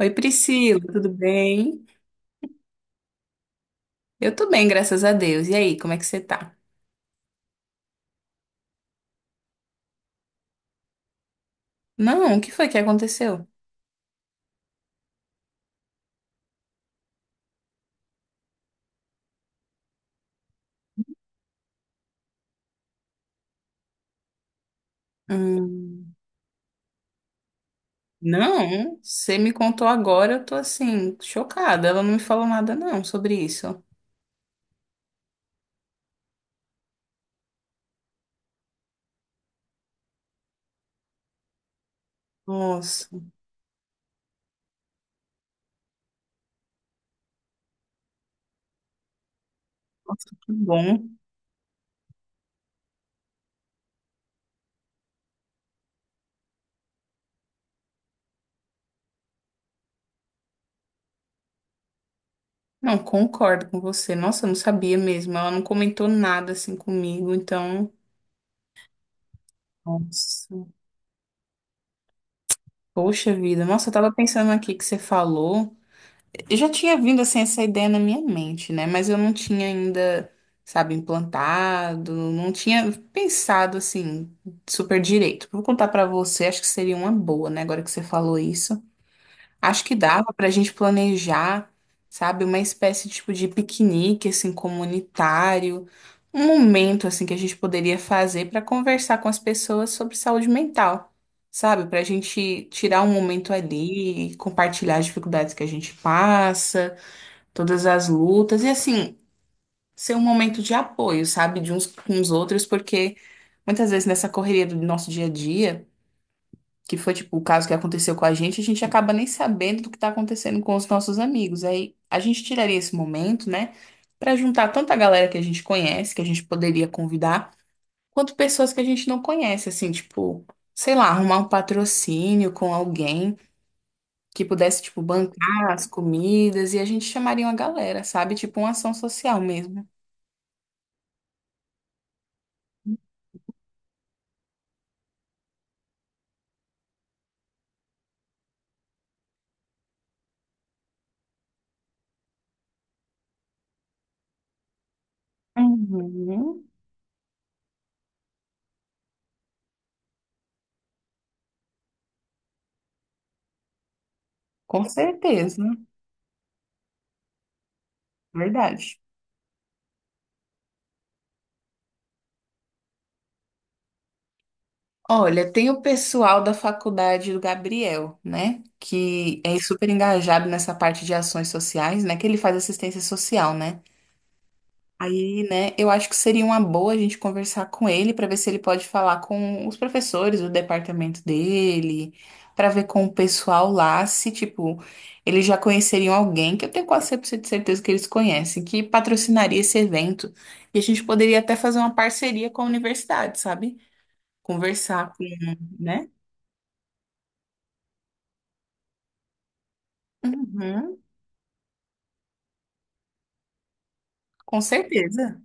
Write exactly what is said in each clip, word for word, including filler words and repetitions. Oi, Priscila, tudo bem? Eu tô bem, graças a Deus. E aí, como é que você tá? Não, o que foi que aconteceu? Hum, não, você me contou agora, eu tô assim, chocada. Ela não me falou nada não sobre isso. Nossa, nossa, que bom. Não, concordo com você. Nossa, eu não sabia mesmo. Ela não comentou nada assim comigo, então, nossa. Poxa vida. Nossa, eu tava pensando aqui que você falou. Eu já tinha vindo assim essa ideia na minha mente, né? Mas eu não tinha ainda, sabe, implantado, não tinha pensado assim super direito. Vou contar pra você, acho que seria uma boa, né? Agora que você falou isso, acho que dava pra gente planejar, sabe, uma espécie tipo de piquenique assim comunitário, um momento assim que a gente poderia fazer pra conversar com as pessoas sobre saúde mental. Sabe, pra gente tirar um momento ali, compartilhar as dificuldades que a gente passa todas as lutas e assim, ser um momento de apoio, sabe, de uns com os outros, porque muitas vezes nessa correria do nosso dia a dia, que foi tipo o caso que aconteceu com a gente, a gente acaba nem sabendo do que tá acontecendo com os nossos amigos. Aí a gente tiraria esse momento, né, pra juntar tanta galera que a gente conhece, que a gente poderia convidar, quanto pessoas que a gente não conhece, assim, tipo, sei lá, arrumar um patrocínio com alguém que pudesse, tipo, bancar as comidas e a gente chamaria uma galera, sabe? Tipo, uma ação social mesmo. Uhum. Com certeza, verdade. Olha, tem o pessoal da faculdade do Gabriel, né? Que é super engajado nessa parte de ações sociais, né? Que ele faz assistência social, né? Aí, né, eu acho que seria uma boa a gente conversar com ele para ver se ele pode falar com os professores do departamento dele, para ver com o pessoal lá se, tipo, eles já conheceriam alguém, que eu tenho quase cem por cento de certeza que eles conhecem, que patrocinaria esse evento. E a gente poderia até fazer uma parceria com a universidade, sabe? Conversar com, né? Uhum, com certeza.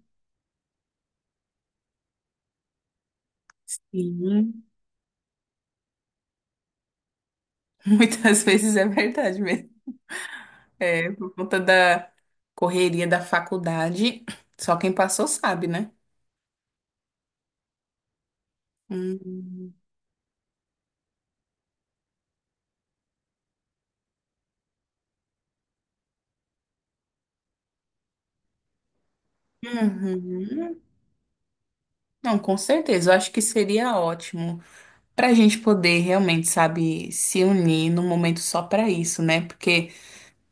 Sim, muitas vezes é verdade mesmo. É, por conta da correria da faculdade, só quem passou sabe, né? Hum. Uhum. Não, com certeza. Eu acho que seria ótimo para a gente poder realmente, sabe, se unir num momento só para isso, né? Porque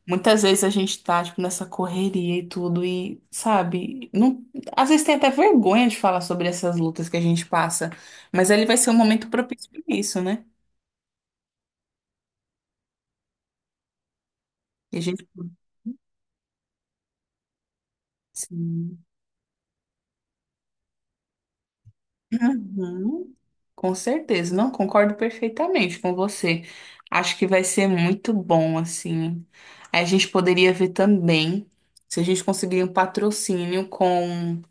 muitas vezes a gente tá, tipo, nessa correria e tudo, e, sabe, não... às vezes tem até vergonha de falar sobre essas lutas que a gente passa, mas ele vai ser um momento propício para isso, né? E a gente. Sim. Uhum. Com certeza, não concordo perfeitamente com você. Acho que vai ser muito bom, assim. A gente poderia ver também se a gente conseguir um patrocínio com,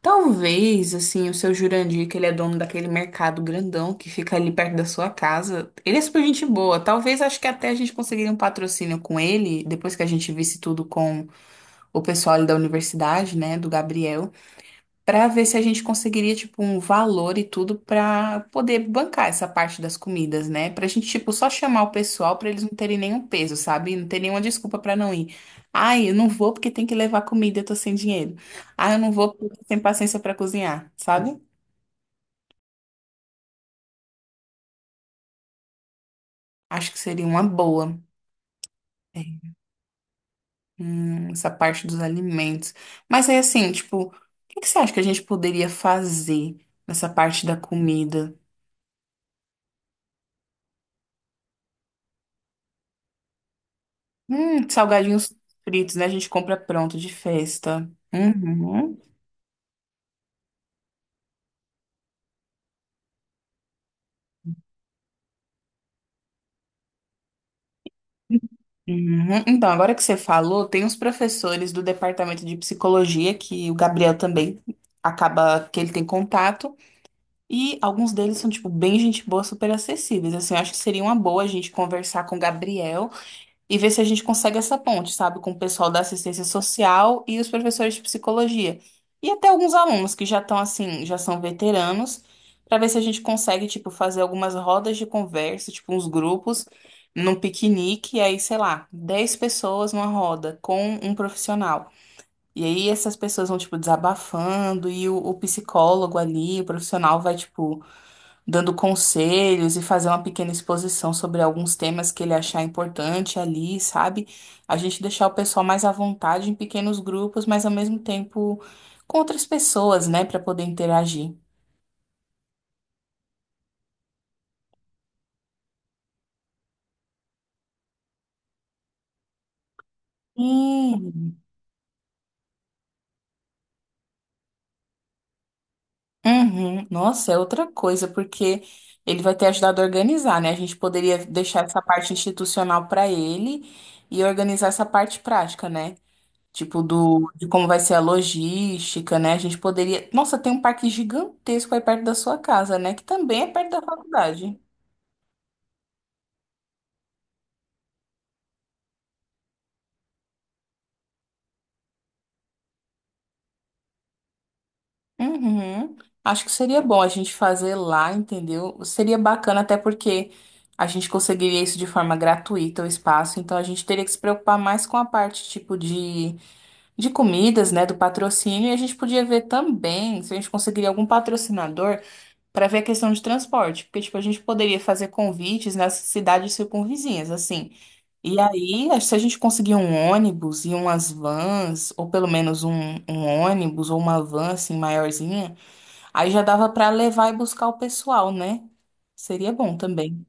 talvez, assim, o seu Jurandir, que ele é dono daquele mercado grandão que fica ali perto da sua casa. Ele é super gente boa. Talvez, acho que até a gente conseguiria um patrocínio com ele, depois que a gente visse tudo com o pessoal ali da universidade, né, do Gabriel para ver se a gente conseguiria, tipo, um valor e tudo para poder bancar essa parte das comidas, né? Pra gente, tipo, só chamar o pessoal para eles não terem nenhum peso, sabe? Não ter nenhuma desculpa para não ir. Ai, eu não vou porque tem que levar comida, eu tô sem dinheiro. Ai, eu não vou porque eu tô sem paciência para cozinhar, sabe? Acho que seria uma boa, é, hum, essa parte dos alimentos. Mas aí, assim, tipo, o que que você acha que a gente poderia fazer nessa parte da comida? Hum, salgadinhos fritos, né? A gente compra pronto de festa. Uhum, uhum. Então, agora que você falou, tem uns professores do departamento de psicologia que o Gabriel também acaba que ele tem contato. E alguns deles são, tipo, bem gente boa, super acessíveis. Assim, eu acho que seria uma boa a gente conversar com o Gabriel. E ver se a gente consegue essa ponte, sabe, com o pessoal da assistência social e os professores de psicologia. E até alguns alunos que já estão assim, já são veteranos, para ver se a gente consegue, tipo, fazer algumas rodas de conversa, tipo, uns grupos, num piquenique, e aí, sei lá, dez pessoas numa roda com um profissional. E aí essas pessoas vão, tipo, desabafando, e o, o psicólogo ali, o profissional vai, tipo, dando conselhos e fazer uma pequena exposição sobre alguns temas que ele achar importante ali, sabe? A gente deixar o pessoal mais à vontade em pequenos grupos, mas ao mesmo tempo com outras pessoas, né, para poder interagir. Hum, uhum. Nossa, é outra coisa, porque ele vai ter ajudado a organizar, né? A gente poderia deixar essa parte institucional para ele e organizar essa parte prática, né? Tipo, do, de como vai ser a logística, né? A gente poderia. Nossa, tem um parque gigantesco aí perto da sua casa, né? Que também é perto da faculdade. Uhum. Acho que seria bom a gente fazer lá, entendeu? Seria bacana, até porque a gente conseguiria isso de forma gratuita, o espaço. Então a gente teria que se preocupar mais com a parte, tipo, de, de comidas, né? Do patrocínio. E a gente podia ver também se a gente conseguiria algum patrocinador. Pra ver a questão de transporte, porque tipo a gente poderia fazer convites nas cidades circunvizinhas, assim. E aí, acho que se a gente conseguir um ônibus e umas vans, ou pelo menos um, um ônibus ou uma van assim maiorzinha, aí já dava pra levar e buscar o pessoal, né? Seria bom também.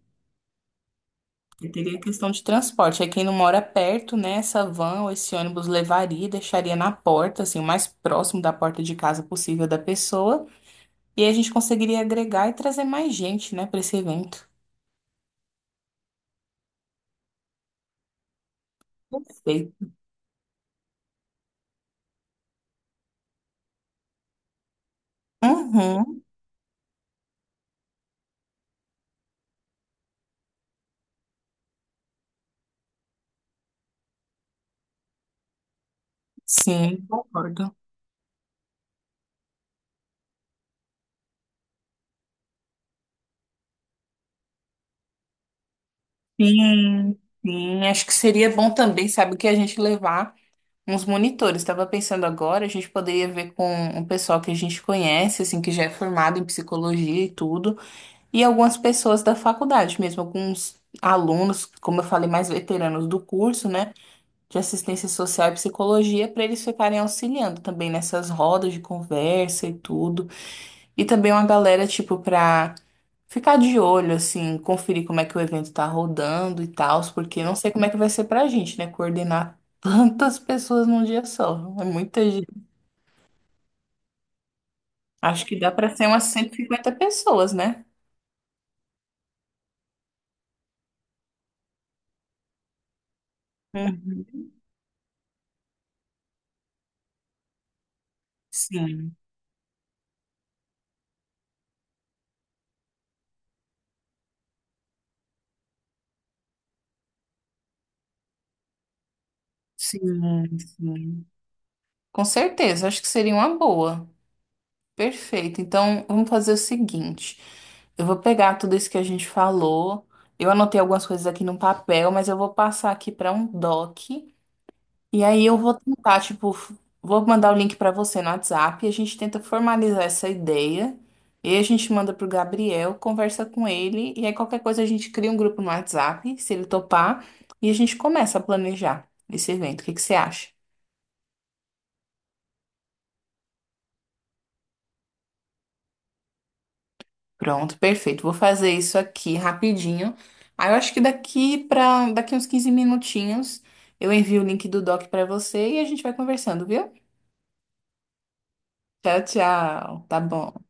Porque teria a questão de transporte. Aí quem não mora perto, né, essa van ou esse ônibus levaria, e deixaria na porta, assim, o mais próximo da porta de casa possível da pessoa. E aí a gente conseguiria agregar e trazer mais gente, né, para esse evento. Perfeito. Uhum, sim, concordo. Sim, sim. Acho que seria bom também, sabe, que a gente levar uns monitores. Estava pensando agora, a gente poderia ver com um pessoal que a gente conhece, assim, que já é formado em psicologia e tudo, e algumas pessoas da faculdade mesmo, alguns alunos, como eu falei, mais veteranos do curso, né, de assistência social e psicologia, para eles ficarem auxiliando também nessas rodas de conversa e tudo. E também uma galera, tipo, para ficar de olho, assim, conferir como é que o evento tá rodando e tal, porque eu não sei como é que vai ser pra gente, né? Coordenar tantas pessoas num dia só. É muita gente. Acho que dá pra ser umas cento e cinquenta pessoas, né? Uhum. Sim, sim, sim. Com certeza, acho que seria uma boa. Perfeito. Então, vamos fazer o seguinte. Eu vou pegar tudo isso que a gente falou. Eu anotei algumas coisas aqui num papel, mas eu vou passar aqui para um doc. E aí eu vou tentar, tipo, f- vou mandar o link pra você no WhatsApp, a gente tenta formalizar essa ideia, e a gente manda pro Gabriel, conversa com ele, e aí qualquer coisa a gente cria um grupo no WhatsApp, se ele topar, e a gente começa a planejar esse evento. O que que você acha? Pronto, perfeito. Vou fazer isso aqui rapidinho. Aí eu acho que daqui para daqui uns quinze minutinhos eu envio o link do doc pra você e a gente vai conversando, viu? Tchau, tchau. Tá bom.